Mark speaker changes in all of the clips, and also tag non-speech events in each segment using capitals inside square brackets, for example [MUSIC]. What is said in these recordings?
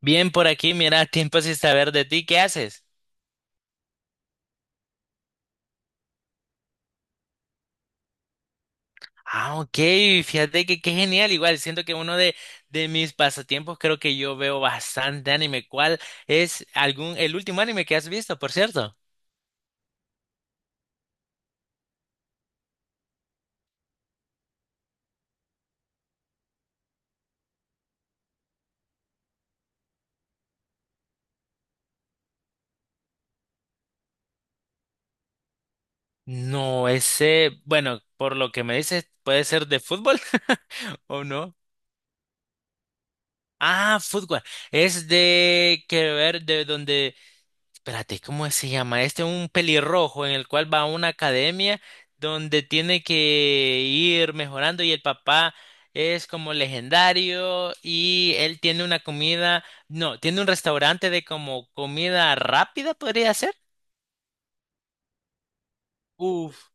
Speaker 1: Bien por aquí, mira, tiempo sin saber de ti, ¿qué haces? Ah, ok, fíjate que qué genial, igual siento que uno de mis pasatiempos creo que yo veo bastante anime. ¿Cuál es algún, el último anime que has visto, por cierto? No, ese, bueno, por lo que me dices, puede ser de fútbol [LAUGHS] o no. Ah, fútbol. Es de que ver de donde espérate, ¿cómo se llama? Este es un pelirrojo en el cual va a una academia donde tiene que ir mejorando y el papá es como legendario y él tiene una comida, no, tiene un restaurante de como comida rápida, podría ser. Uf,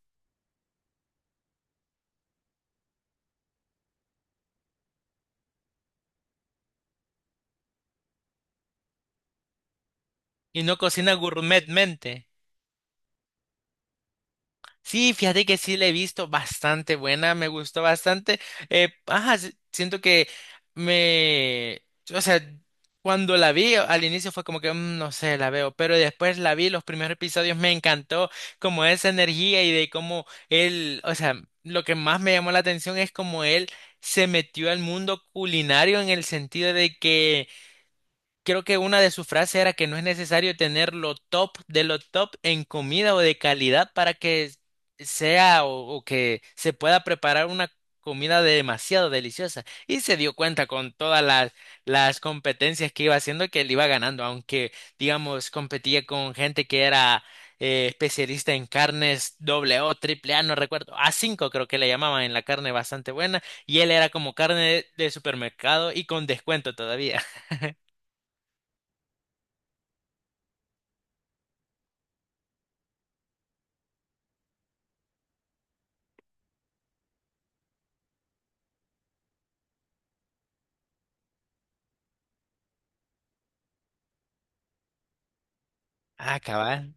Speaker 1: y no cocina gourmetmente. Sí, fíjate que sí la he visto bastante buena, me gustó bastante. Ajá, siento que me, o sea, cuando la vi al inicio fue como que no sé, la veo", pero después la vi los primeros episodios, me encantó como esa energía y de cómo él, o sea, lo que más me llamó la atención es como él se metió al mundo culinario en el sentido de que creo que una de sus frases era que no es necesario tener lo top de lo top en comida o de calidad para que sea o que se pueda preparar una comida demasiado deliciosa. Y se dio cuenta con las competencias que iba haciendo que él iba ganando, aunque, digamos, competía con gente que era especialista en carnes doble O, triple A, no recuerdo, a cinco creo que le llamaban en la carne bastante buena, y él era como carne de supermercado y con descuento todavía. [LAUGHS] Ah, cabal.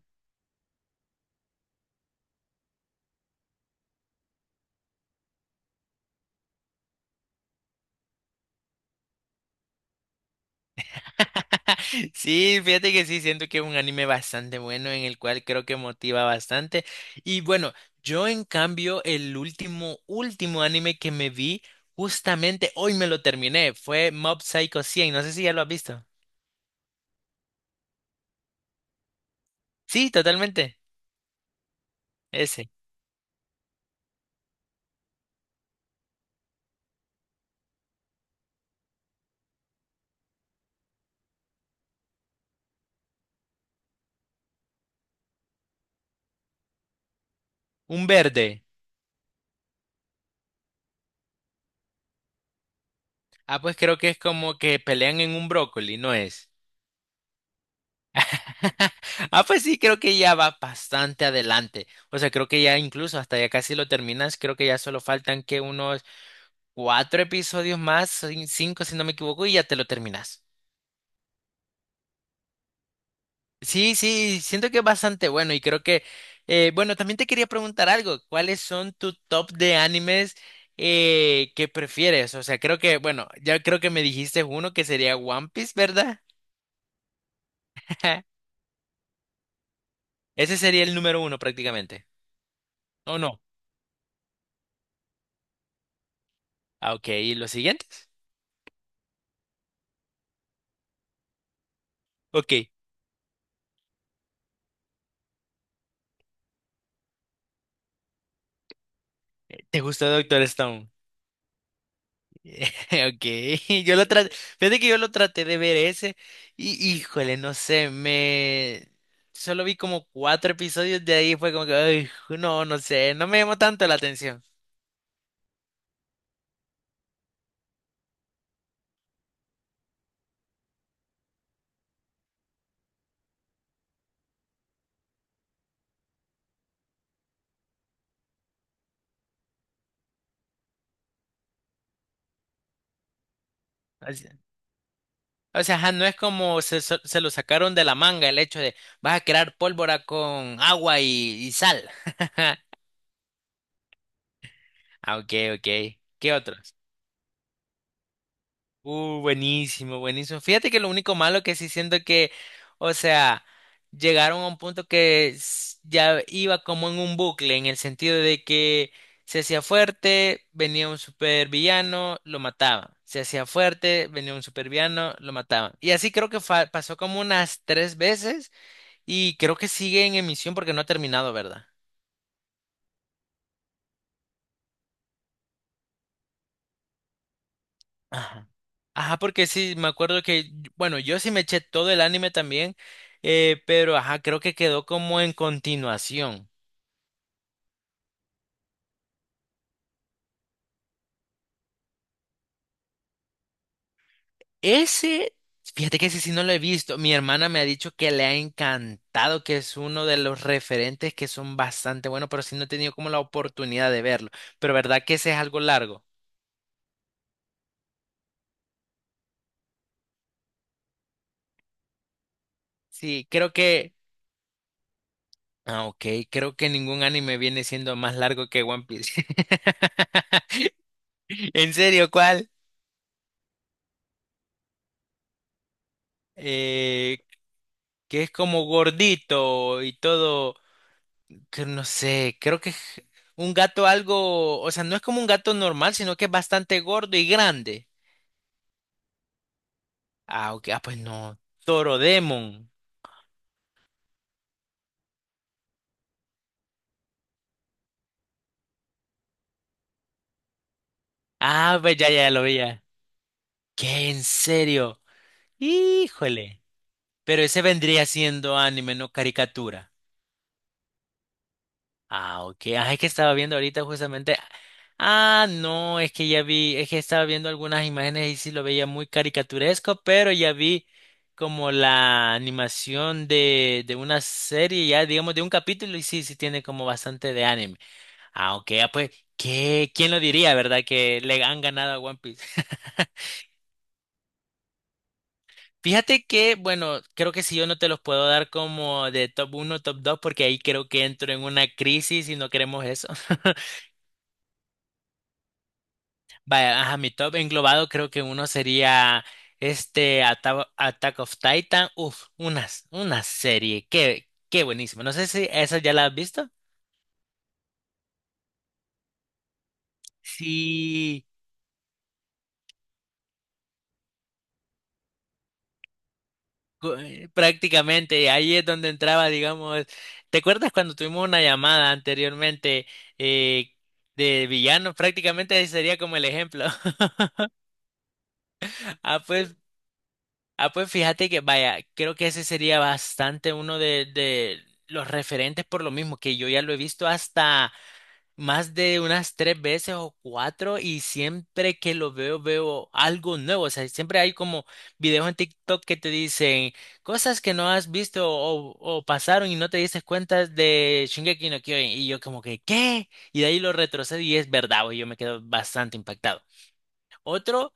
Speaker 1: [LAUGHS] Sí, fíjate que sí, siento que es un anime bastante bueno en el cual creo que motiva bastante. Y bueno, yo en cambio el último, último anime que me vi, justamente hoy me lo terminé, fue Mob Psycho 100, no sé si ya lo has visto. Sí, totalmente, ese. Un verde. Ah, pues creo que es como que pelean en un brócoli, ¿no es? [LAUGHS] Ah, pues sí, creo que ya va bastante adelante. O sea, creo que ya incluso hasta ya casi lo terminas. Creo que ya solo faltan que unos cuatro episodios más, cinco si no me equivoco, y ya te lo terminas. Sí, sí, siento que es bastante bueno y creo que, bueno, también te quería preguntar algo, ¿cuáles son tu top de animes que prefieres? O sea, creo que, bueno, ya creo que me dijiste uno que sería One Piece, ¿verdad? [LAUGHS] Ese sería el número uno prácticamente. ¿O no? Ah, ok, ¿y los siguientes? Ok, ¿te gustó Doctor Stone? [LAUGHS] Okay, [LAUGHS] yo lo traté, fíjate que yo lo traté de ver ese y híjole, no sé, me solo vi como cuatro episodios de ahí fue como que ay, no, no sé, no me llamó tanto la atención. Así, o sea, ajá, no es como se lo sacaron de la manga el hecho de vas a crear pólvora con agua y sal. [LAUGHS] Ah, okay, okay. ¿Qué otro? Buenísimo, buenísimo. Fíjate que lo único malo que sí siento que, o sea, llegaron a un punto que ya iba como en un bucle, en el sentido de que se hacía fuerte, venía un supervillano, lo mataban. Se hacía fuerte, venía un supervillano, lo mataban. Y así creo que pasó como unas tres veces y creo que sigue en emisión porque no ha terminado, ¿verdad? Ajá. Ajá, porque sí, me acuerdo que, bueno, yo sí me eché todo el anime también, pero ajá, creo que quedó como en continuación. Ese, fíjate que ese sí no lo he visto. Mi hermana me ha dicho que le ha encantado, que es uno de los referentes que son bastante buenos, pero sí no he tenido como la oportunidad de verlo. Pero verdad que ese es algo largo. Sí, creo que... Ah, ok, creo que ningún anime viene siendo más largo que One Piece. [LAUGHS] ¿En serio, cuál? Eh, que es como gordito y todo, que no sé, creo que es un gato algo, o sea, no es como un gato normal, sino que es bastante gordo y grande. Ah, ok, ah, pues no, Toro Demon. Ah, pues ya, ya lo veía. ¿Qué? ¿En serio? Híjole. Pero ese vendría siendo anime, no caricatura. Ah, ok. Ah, es que estaba viendo ahorita justamente. Ah, no, es que ya vi, es que estaba viendo algunas imágenes y sí lo veía muy caricaturesco, pero ya vi como la animación de una serie, ya digamos de un capítulo, y sí, sí tiene como bastante de anime. Ah, ok, ah, pues, ¿qué? ¿Quién lo diría, verdad? Que le han ganado a One Piece. [LAUGHS] Fíjate que, bueno, creo que si yo no te los puedo dar como de top uno, top 2, porque ahí creo que entro en una crisis y no queremos eso. [LAUGHS] Vaya, ajá, mi top englobado creo que uno sería este Attack of Titan. Uf, unas, una serie. Qué, qué buenísimo. No sé si esa ya la has visto. Sí, prácticamente ahí es donde entraba, digamos. ¿Te acuerdas cuando tuvimos una llamada anteriormente eh, de villanos? Prácticamente ese sería como el ejemplo. [LAUGHS] Ah, pues, ah, pues fíjate que vaya, creo que ese sería bastante uno de los referentes por lo mismo que yo ya lo he visto hasta más de unas tres veces o cuatro y siempre que lo veo veo algo nuevo. O sea, siempre hay como videos en TikTok que te dicen cosas que no has visto o pasaron y no te dices cuenta de Shingeki no Kyojin. Y yo como que, ¿qué? Y de ahí lo retrocedo y es verdad, güey, yo me quedo bastante impactado. Otro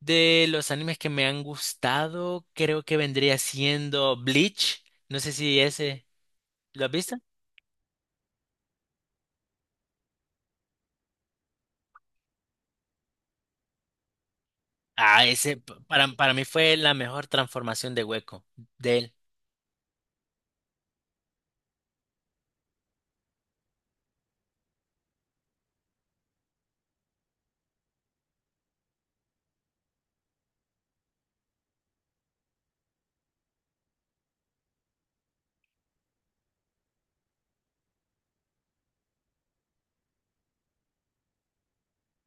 Speaker 1: de los animes que me han gustado creo que vendría siendo Bleach. No sé si ese... ¿Lo has visto? Ah, ese para mí fue la mejor transformación de hueco de él.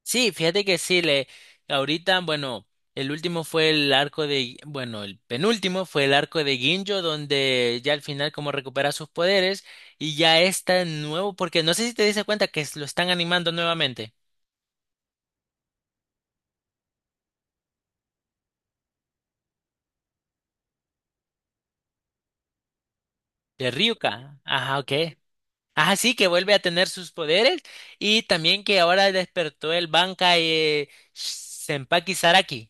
Speaker 1: Sí, fíjate que sí, le ahorita, bueno, el último fue el arco de, bueno, el penúltimo fue el arco de Ginjo, donde ya al final como recupera sus poderes y ya está nuevo, porque no sé si te diste cuenta que lo están animando nuevamente. De Ryuka. Ajá, ok. Ajá, sí, que vuelve a tener sus poderes y también que ahora despertó el Bankai, Senpaki Saraki.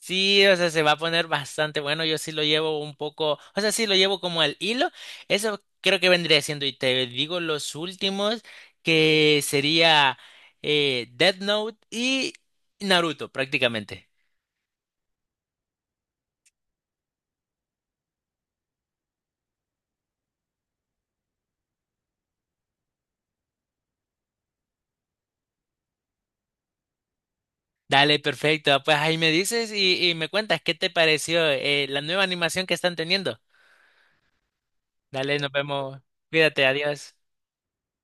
Speaker 1: Sí, o sea, se va a poner bastante bueno. Yo sí lo llevo un poco, o sea, sí lo llevo como al hilo. Eso creo que vendría siendo. Y te digo los últimos, que sería Death Note y Naruto, prácticamente. Dale, perfecto. Pues ahí me dices y me cuentas qué te pareció, la nueva animación que están teniendo. Dale, nos vemos. Cuídate, adiós.